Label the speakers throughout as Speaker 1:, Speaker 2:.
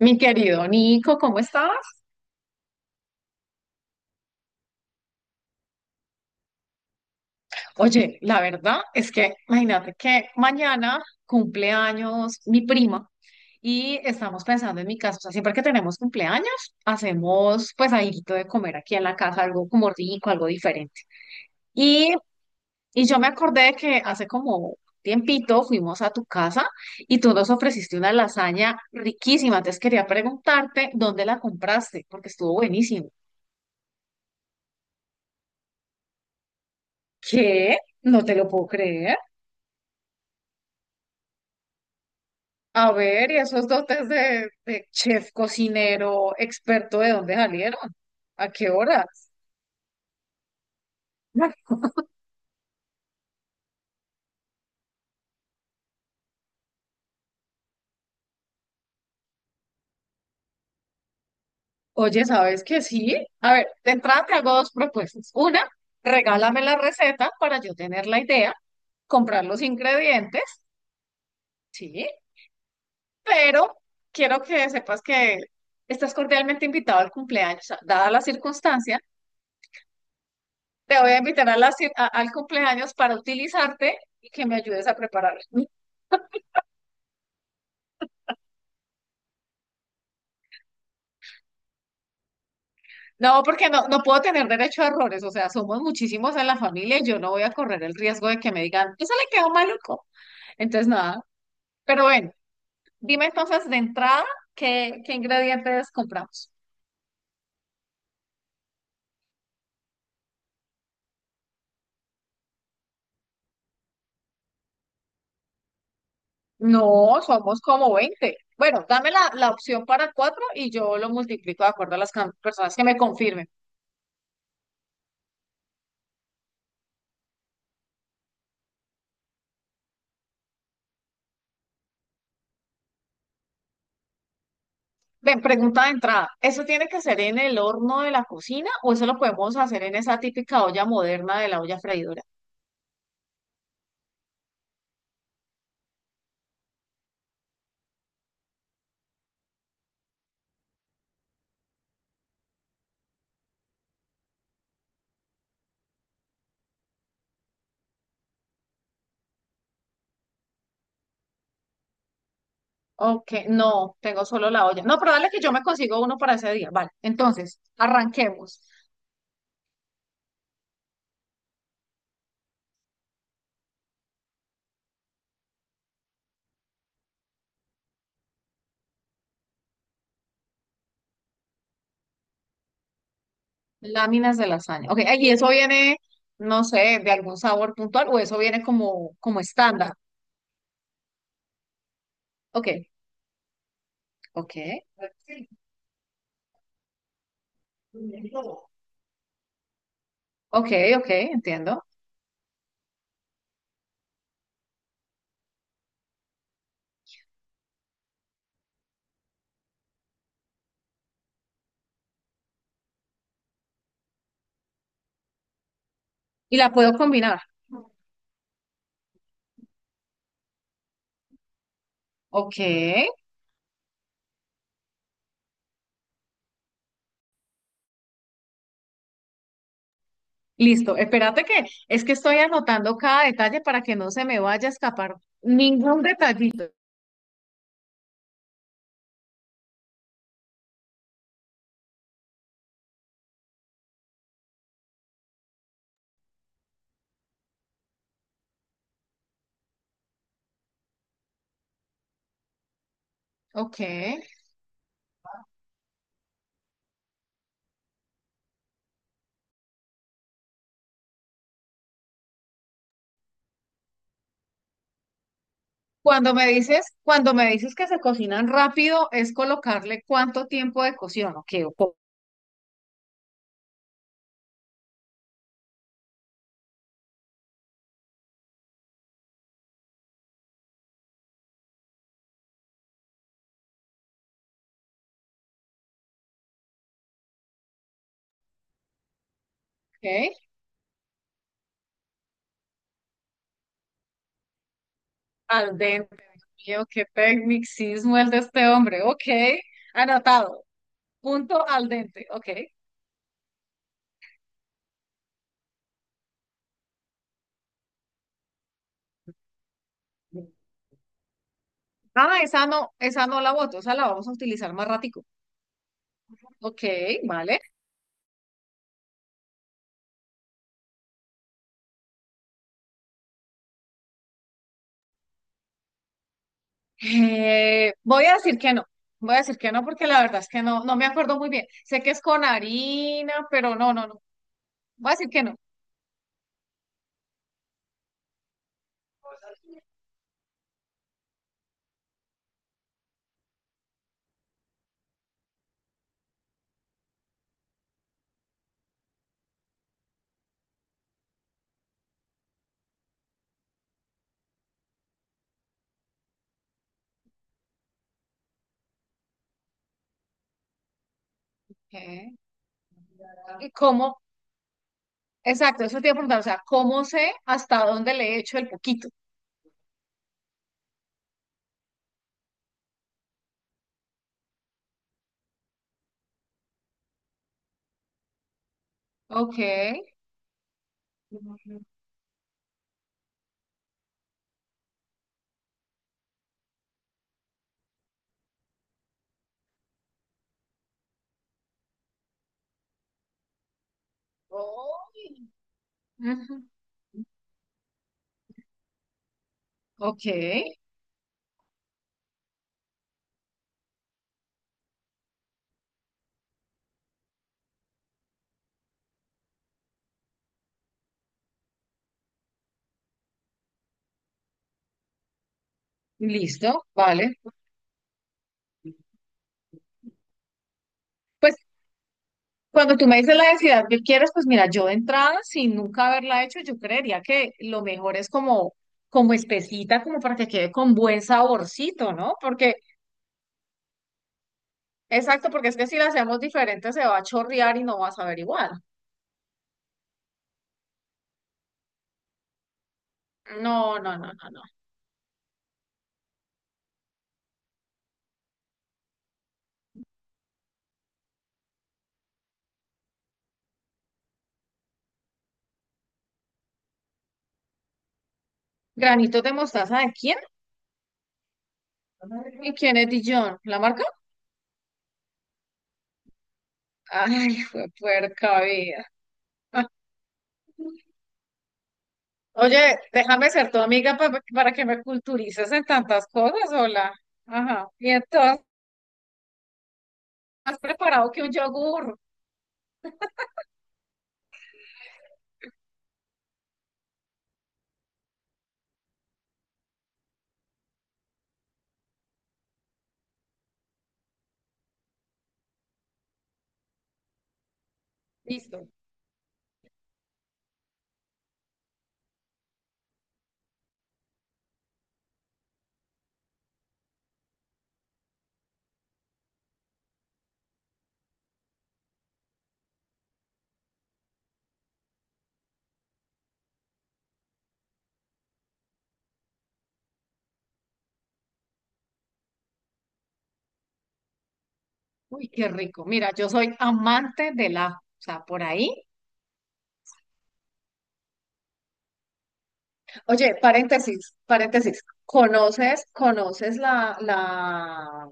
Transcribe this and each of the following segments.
Speaker 1: Mi querido Nico, ¿cómo estás? Oye, la verdad es que imagínate que mañana cumple años mi prima y estamos pensando en mi casa. O sea, siempre que tenemos cumpleaños, hacemos pues algo de comer aquí en la casa, algo como rico, algo diferente. Y, y yo me acordé que hace como tiempito fuimos a tu casa y tú nos ofreciste una lasaña riquísima. Entonces quería preguntarte dónde la compraste, porque estuvo buenísimo. ¿Qué? No te lo puedo creer. A ver, ¿y esos dotes de chef, cocinero, experto, de dónde salieron? ¿A qué horas? Oye, ¿sabes qué sí? A ver, de entrada te hago dos propuestas. Una, regálame la receta para yo tener la idea, comprar los ingredientes, sí, pero quiero que sepas que estás cordialmente invitado al cumpleaños. O sea, dada la circunstancia, te voy a invitar a la al cumpleaños para utilizarte y que me ayudes a prepararlo. No, porque no puedo tener derecho a errores, o sea, somos muchísimos en la familia y yo no voy a correr el riesgo de que me digan, eso le quedó maluco. Entonces, nada, pero bueno, dime entonces de entrada qué ingredientes compramos. No, somos como 20. Bueno, dame la opción para cuatro y yo lo multiplico de acuerdo a las personas que me confirmen. Ven, pregunta de entrada, ¿eso tiene que ser en el horno de la cocina o eso lo podemos hacer en esa típica olla moderna de la olla freidora? Ok, no, tengo solo la olla. No, pero dale que yo me consigo uno para ese día. Vale, entonces, arranquemos. Láminas de lasaña. Ok, y eso viene, no sé, de algún sabor puntual o eso viene como, como estándar. Ok, ok. Ok, ok, entiendo. Y la puedo combinar. Ok, listo. Espérate que es que estoy anotando cada detalle para que no se me vaya a escapar ningún detallito. Ok. Cuando me dices que se cocinan rápido, es colocarle cuánto tiempo de cocción, ok, ok. Al dente, mío, qué tecnicismo el de este hombre, ok. Anotado, punto al dente, ok. Ah, esa no la voto, esa la vamos a utilizar más ratico. Ok, vale. Voy a decir que no, voy a decir que no porque la verdad es que no, no me acuerdo muy bien. Sé que es con harina, pero no, no, no. Voy a decir que no. Ok. ¿Y cómo? Exacto, eso te iba a preguntar, o sea, ¿cómo sé hasta dónde le he hecho el poquito? Ok. Uy. Ujú. Ok, listo, vale. Pues cuando tú me dices la densidad que quieres, pues mira, yo de entrada, sin nunca haberla hecho, yo creería que lo mejor es como, como espesita, como para que quede con buen saborcito, ¿no? Porque, exacto, porque es que si la hacemos diferente se va a chorrear y no vas a ver igual. No, no, no, no, no. ¿Granitos de mostaza de quién? ¿Y quién es Dijon? ¿La marca? Ay, fue puerca vida. Oye, déjame ser tu amiga para que me culturices en tantas cosas, hola. Ajá. Y entonces, ¿has preparado que un yogur? Listo. Uy, qué rico. Mira, yo soy amante del ajo. O sea, por ahí. Oye, paréntesis, paréntesis. ¿Conoces, conoces la, la,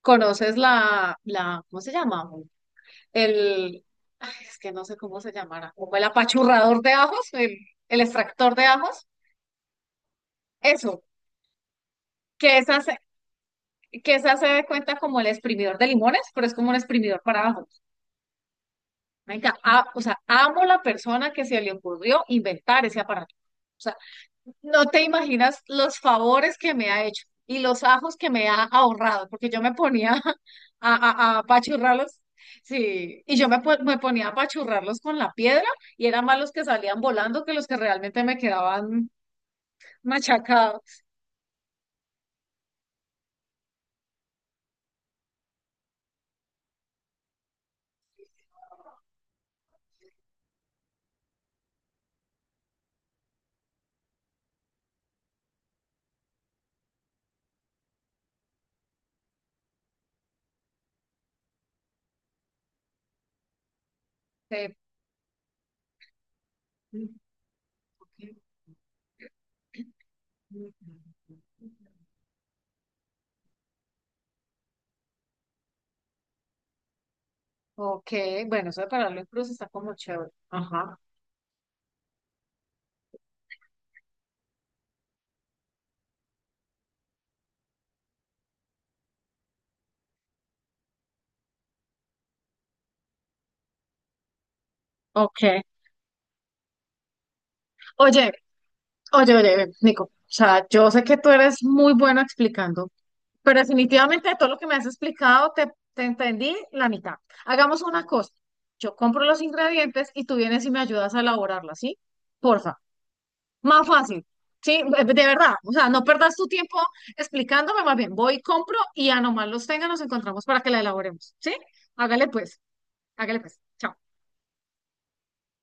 Speaker 1: conoces la, la, ¿cómo se llama? El, ay, es que no sé cómo se llamará, como el apachurrador de ajos, el extractor de ajos, eso, que esa, se- que esa se dé cuenta como el exprimidor de limones, pero es como un exprimidor para ajos. Venga, o sea, amo la persona que se le ocurrió inventar ese aparato. O sea, no te imaginas los favores que me ha hecho y los ajos que me ha ahorrado, porque yo me ponía a, a apachurrarlos, sí, y yo me ponía a apachurrarlos con la piedra y eran más los que salían volando que los que realmente me quedaban machacados. Eh, Ok, bueno, eso de pararlo en cruz está como chévere. Ajá. Ok. Oye, oye, Nico, o sea, yo sé que tú eres muy bueno explicando. Pero definitivamente de todo lo que me has explicado, te entendí la mitad. Hagamos una cosa. Yo compro los ingredientes y tú vienes y me ayudas a elaborarla, ¿sí? Porfa. Más fácil. Sí, de verdad. O sea, no perdas tu tiempo explicándome, más bien voy, compro y a nomás los tenga, nos encontramos para que la elaboremos. ¿Sí? Hágale pues. Hágale pues. Chao.